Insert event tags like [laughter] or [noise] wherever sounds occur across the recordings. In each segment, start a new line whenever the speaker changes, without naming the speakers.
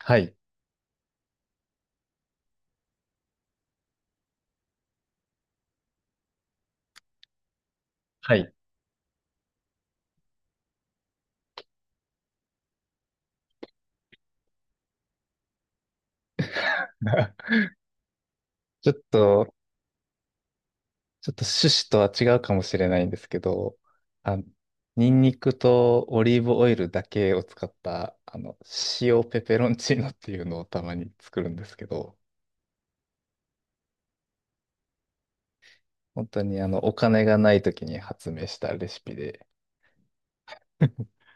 はい。はい。[laughs] ちょっと、ちょっと趣旨とは違うかもしれないんですけど、あの、ニンニクとオリーブオイルだけを使った、あの、塩ペペロンチーノっていうのをたまに作るんですけど、本当にお金がない時に発明したレシピで、[laughs]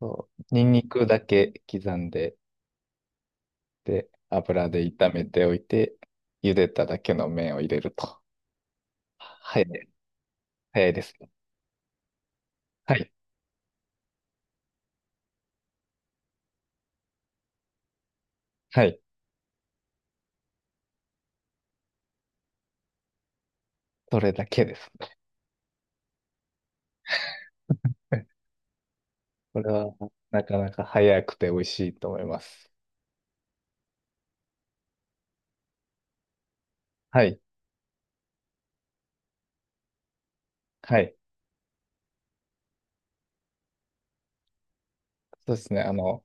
そう、ニンニクだけ刻んで、で、油で炒めておいて、茹でただけの麺を入れると。はい。早いですね。はい。はい。それだけです。これはなかなか早くて美味しいと思います。はい。はい。そうですね。あの、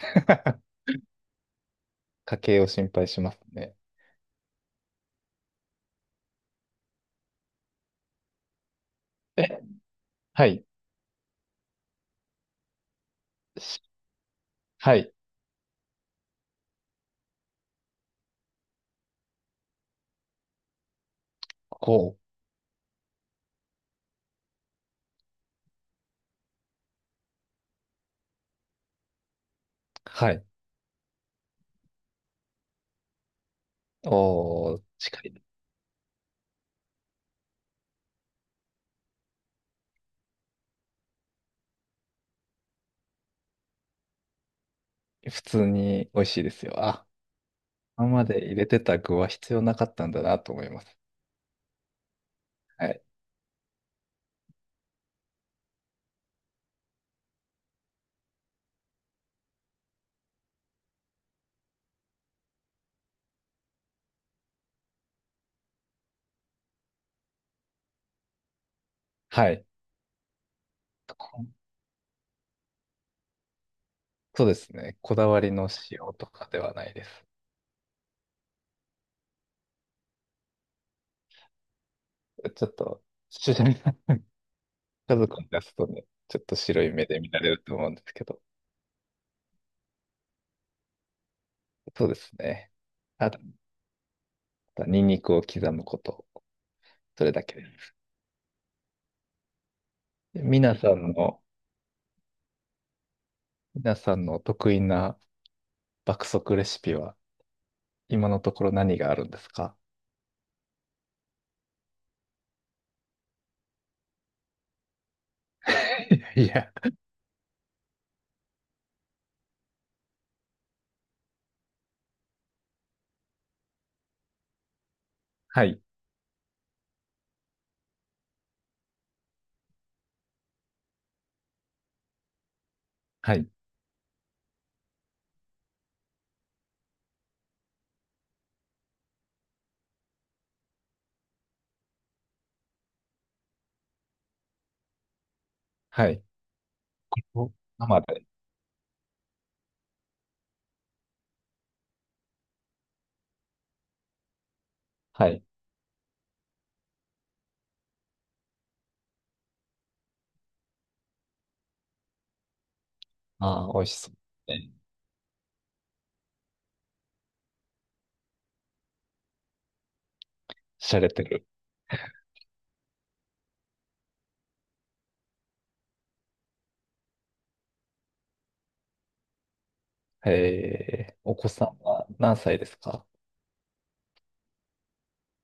[laughs] 家計を心配しますね。え、はい。しはい。こう。はい。おー、近い。普通に美味しいですよ。あ、今まで入れてた具は必要なかったんだなと思います。はい。はい。こそうですね。こだわりの塩とかではないです。ちょっと、[laughs] 主人家族に出すとね、ちょっと白い目で見られると思うんですけど。そうですね。あ、ニンニクを刻むこと、それだけです。皆さんの、皆さんの得意な爆速レシピは、今のところ何があるんですか？ [laughs] いや、はい、はい、はい。お生で。はい。ああ、美味しそうですね。洒てる。えー、お子さんは何歳ですか？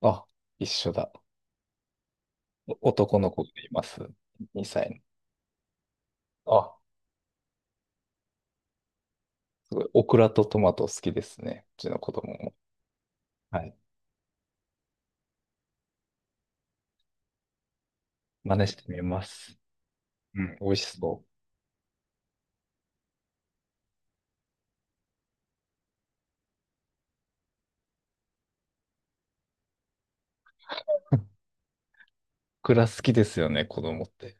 あ、一緒だ。お男の子がいます。2歳の。あ、すごい。オクラとトマト好きですね。うちの子供も。はい。真似してみます。うん、美味しそう。クラ好きですよね、子供って。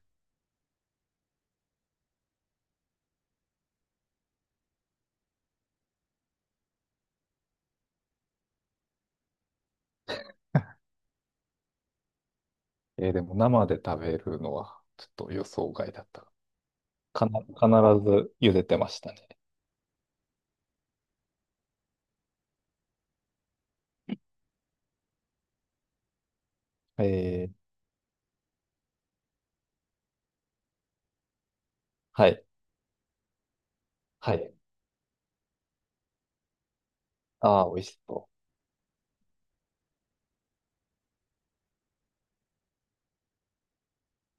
えーでも生で食べるのはちょっと予想外だった。かな、必ず茹でてましたね。えー、はい、はい。ああ、美味しそ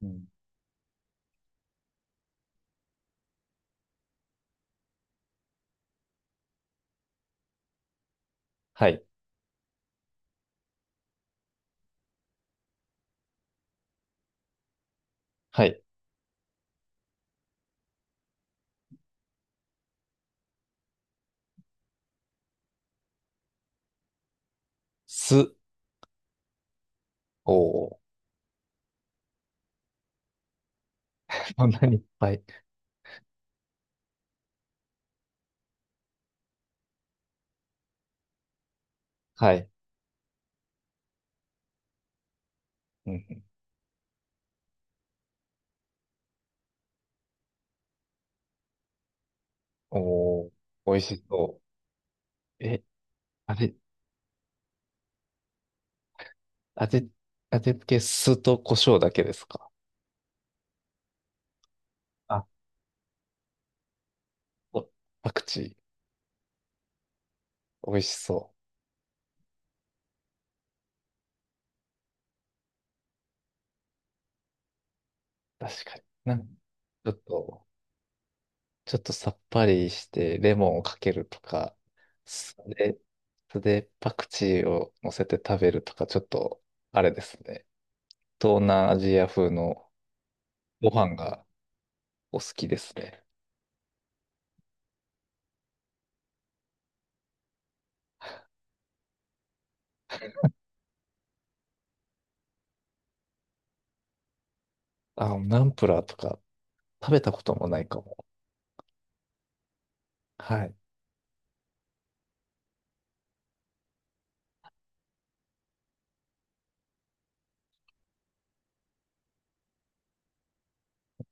う。うん、はい、はい。酢。おお、[laughs] そんなにいっぱい。はい。うん、おお、美味しそう。え、あれ、味、味付け酢と胡椒だけですか？あ、おパクチー。美味しそう。確かに。なんちょっと、ちょっとさっぱりしてレモンをかけるとか、それ、それでパクチーを乗せて食べるとか、ちょっとあれですね。東南アジア風のご飯がお好きですね。あ、ナンプラーとか食べたこともないかも。はい。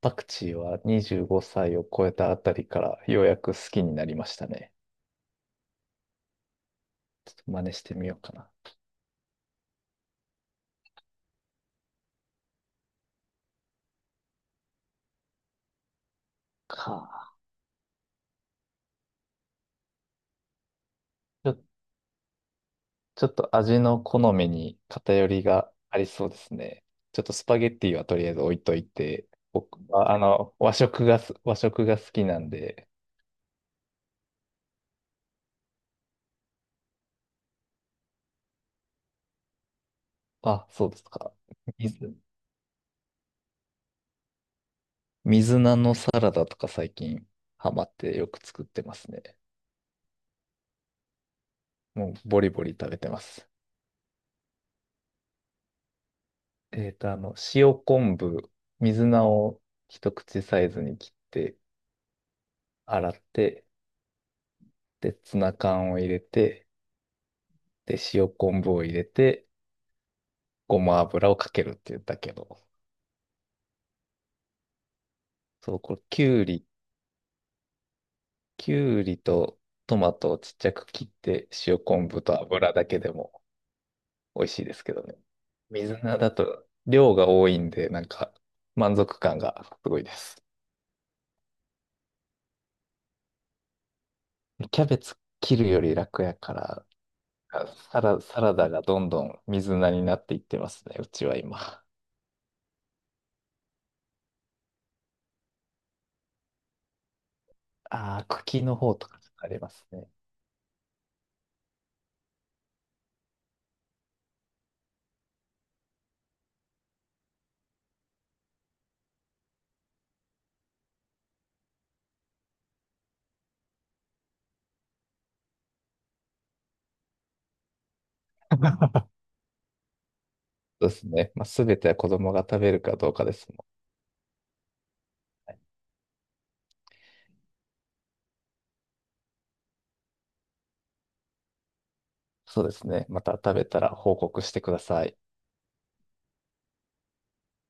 パクチーは25歳を超えたあたりからようやく好きになりましたね。ちょっと真似してみようかな。かあ。ちょっちょっと味の好みに偏りがありそうですね。ちょっとスパゲッティはとりあえず置いといて、僕は、あの、和食が好きなんで、あ、そうですか。水、水菜のサラダとか最近ハマってよく作ってますね。もうボリボリ食べてます。塩昆布、水菜を一口サイズに切って洗って、で、ツナ缶を入れて、で、塩昆布を入れて、ごま油をかけるって言ったけど、そう、これ、きゅうり、きゅうりとトマトをちっちゃく切って、塩昆布と油だけでも美味しいですけどね。水菜だと量が多いんで、なんか満足感がすごいです。キャベツ切るより楽やから、サラダがどんどん水菜になっていってますね、うちは今。ああ、茎の方とかありますね。[laughs] そうですね。まあ、すべては子供が食べるかどうかですね。そうですね。また食べたら報告してください。